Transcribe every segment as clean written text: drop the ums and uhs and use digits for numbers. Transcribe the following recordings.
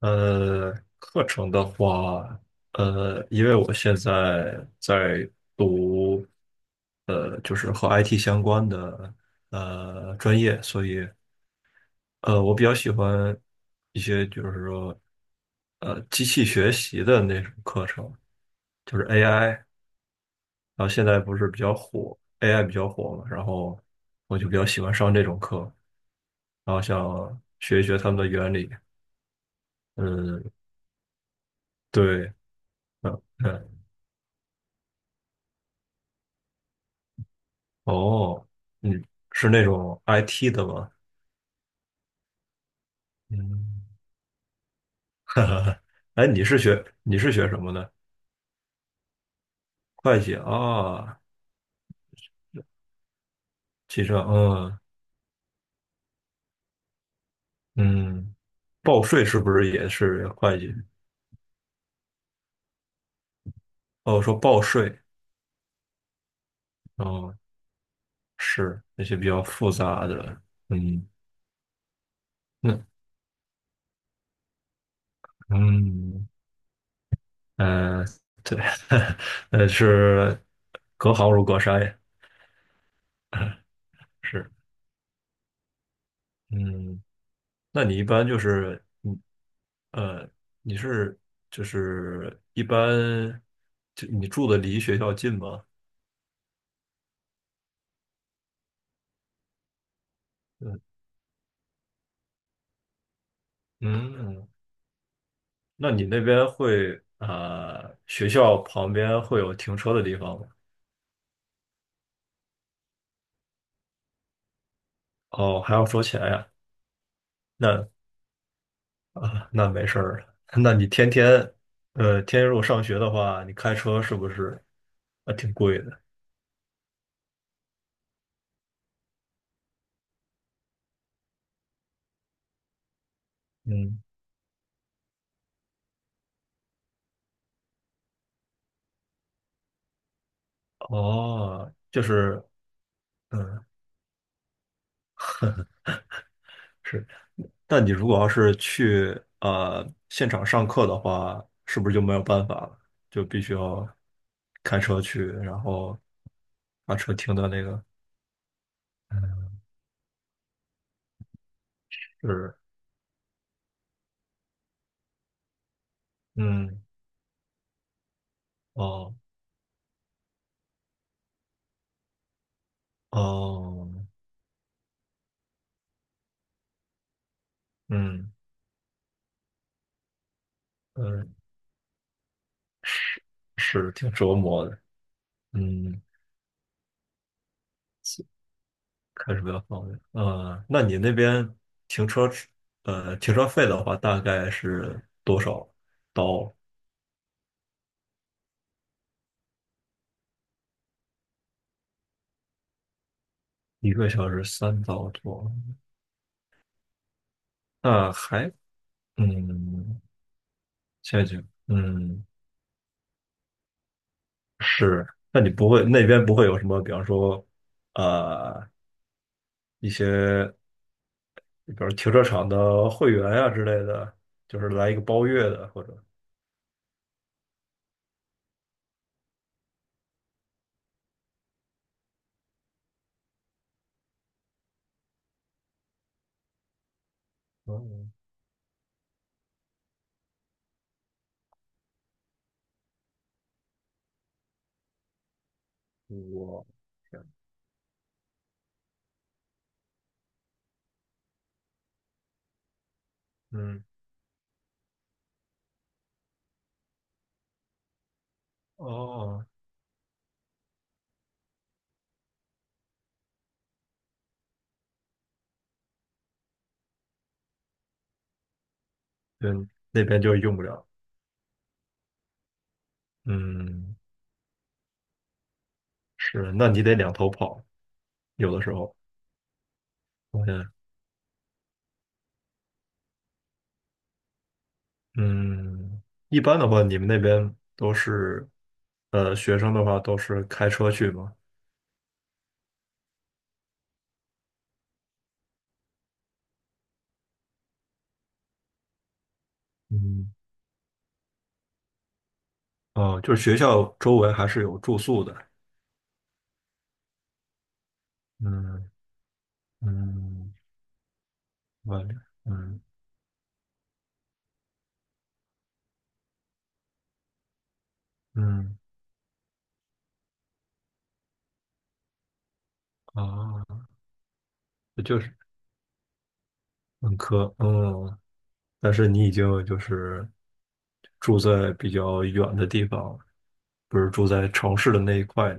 呃，课程的话，因为我现在在读，就是和 IT 相关的专业，所以我比较喜欢一些就是说，机器学习的那种课程，就是 AI，然后现在不是比较火，AI 比较火嘛，然后我就比较喜欢上这种课，然后想学一学他们的原理。嗯，对。嗯。嗯。哦。嗯，是那种 IT 的吗？嗯。哈哈哈。哎，你是学什么的？会计啊。记账。嗯，嗯。报税是不是也是会计？哦，说报税。哦，是那些比较复杂的。嗯。那嗯呃，对。是隔行如隔山呀。是。嗯。那你一般就是呃，你是就是一般，就你住的离学校近吗？嗯，嗯。那你那边会啊学校旁边会有停车的地方吗？哦，还要收钱呀？那啊，那没事儿了。 那你天天天天如果上学的话，你开车是不是啊挺贵的？嗯。哦，就是嗯。是。但你如果要是去现场上课的话，是不是就没有办法了？就必须要开车去，然后把车停到那个。是。嗯。哦。哦。嗯。嗯。是，是挺折磨的。嗯，开车比较方便。那你那边停车，停车费的话大概是多少刀？一个小时三刀多。那还，嗯。陷阱。嗯。是。那你不会那边不会有什么，比方说，呃，一些，比如停车场的会员啊之类的，就是来一个包月的，或者，嗯，我嗯，哦，对，那边就用不了。嗯。是，那你得两头跑，有的时候。我也嗯，一般的话，你们那边都是，学生的话都是开车去吗？嗯。哦，就是学校周围还是有住宿的。嗯，嗯。完了。嗯嗯啊，也就是本科。嗯，但是你已经就是住在比较远的地方了，不是住在城市的那一块。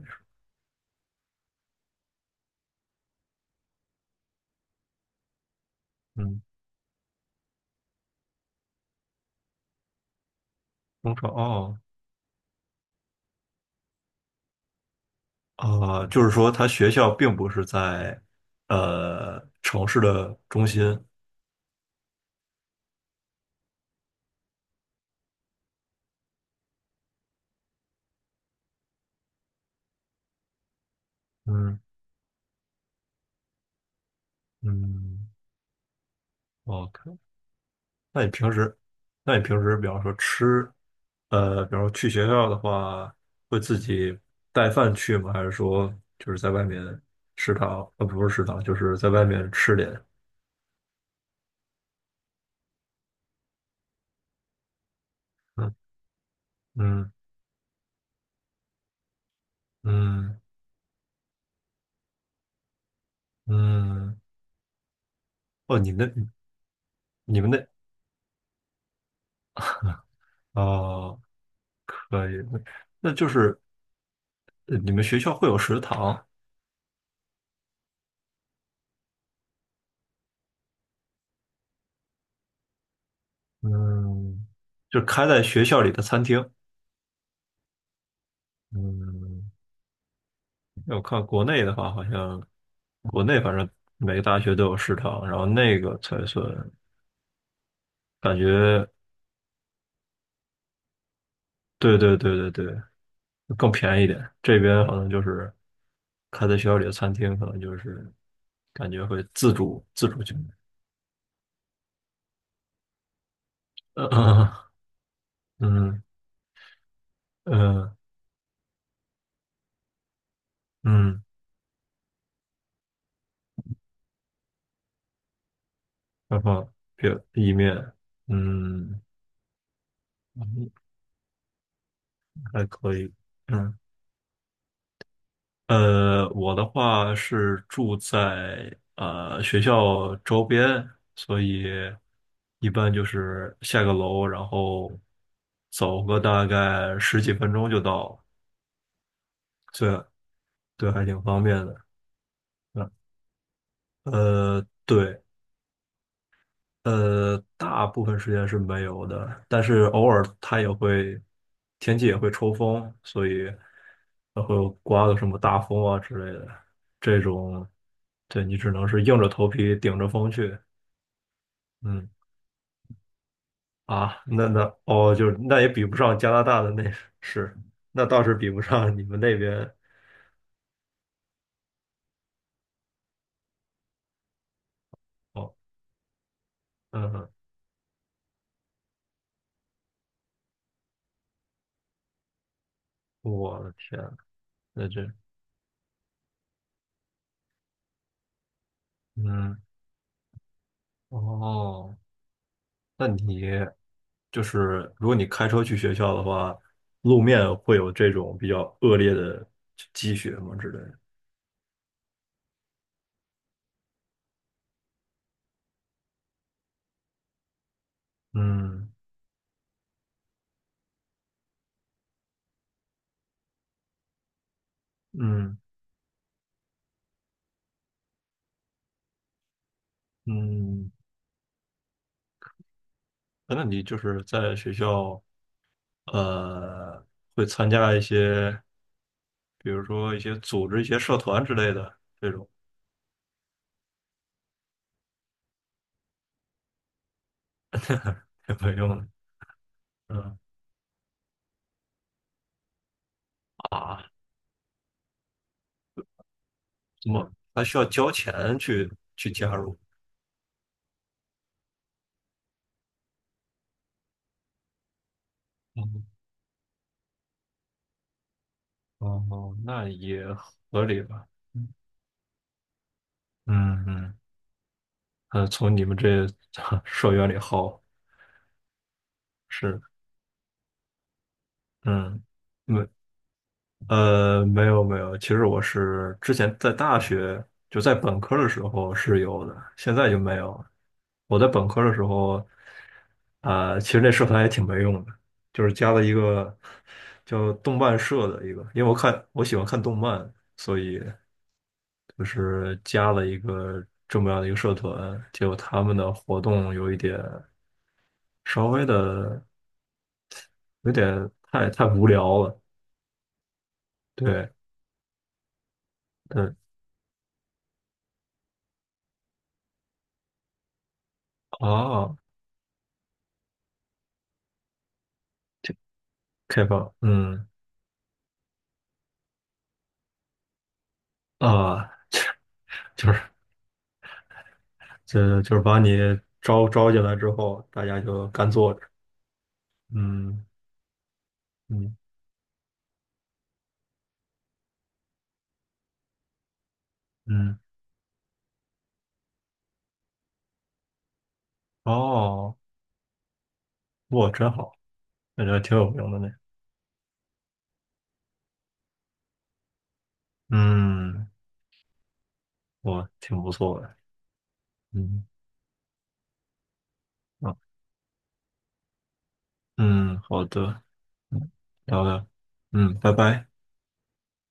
嗯。中超哦。啊，就是说他学校并不是在城市的中心。嗯，嗯，OK。那你平时，那你平时，比方说吃，比方说去学校的话，会自己带饭去吗？还是说就是在外面食堂，不是食堂，就是在外面吃点？嗯，嗯，嗯，嗯。哦，你们那哦。可以，那就是你们学校会有食堂。嗯，就开在学校里的餐厅。嗯。我看国内的话，好像国内反正每个大学都有食堂，然后那个才算感觉。对，对，对，对，对，更便宜一点。这边好像就是开在学校里的餐厅，可能就是感觉会自主去买。呃嗯，嗯，嗯，然后比如意面。嗯，还可以。嗯。我的话是住在学校周边，所以一般就是下个楼，然后走个大概十几分钟就到了，所以对，还挺方便的。嗯，对。大部分时间是没有的，但是偶尔它也会，天气也会抽风，所以它会刮个什么大风啊之类的。这种，对你只能是硬着头皮顶着风去。嗯啊，那哦，就是那也比不上加拿大的那。是，那倒是比不上你们那边。哦。嗯。我的天。那这。嗯。哦。那你。就是如果你开车去学校的话，路面会有这种比较恶劣的积雪嘛之类的。嗯，嗯，嗯。那你就是在学校呃会参加一些，比如说一些组织一些社团之类的这种有没有呢？嗯。啊，怎么还需要交钱去加入？嗯。哦，那也合理吧。嗯，嗯，从你们这 社员里薅。是。嗯。没，没有没有。其实我是之前在大学，就在本科的时候是有的，现在就没有了。我在本科的时候，啊、其实那社团也挺没用的，就是加了一个叫动漫社的一个，因为我看我喜欢看动漫，所以就是加了一个这么样的一个社团，结果他们的活动有一点稍微的有点太无聊了。对。嗯。哦，这开放。嗯啊，就是就是把你招进来之后，大家就干坐着。嗯，嗯，嗯。哦。哇，真好，感觉挺有名的呢。嗯。哇，挺不错的。嗯。啊。嗯，好的。嗯。聊聊。嗯，拜拜。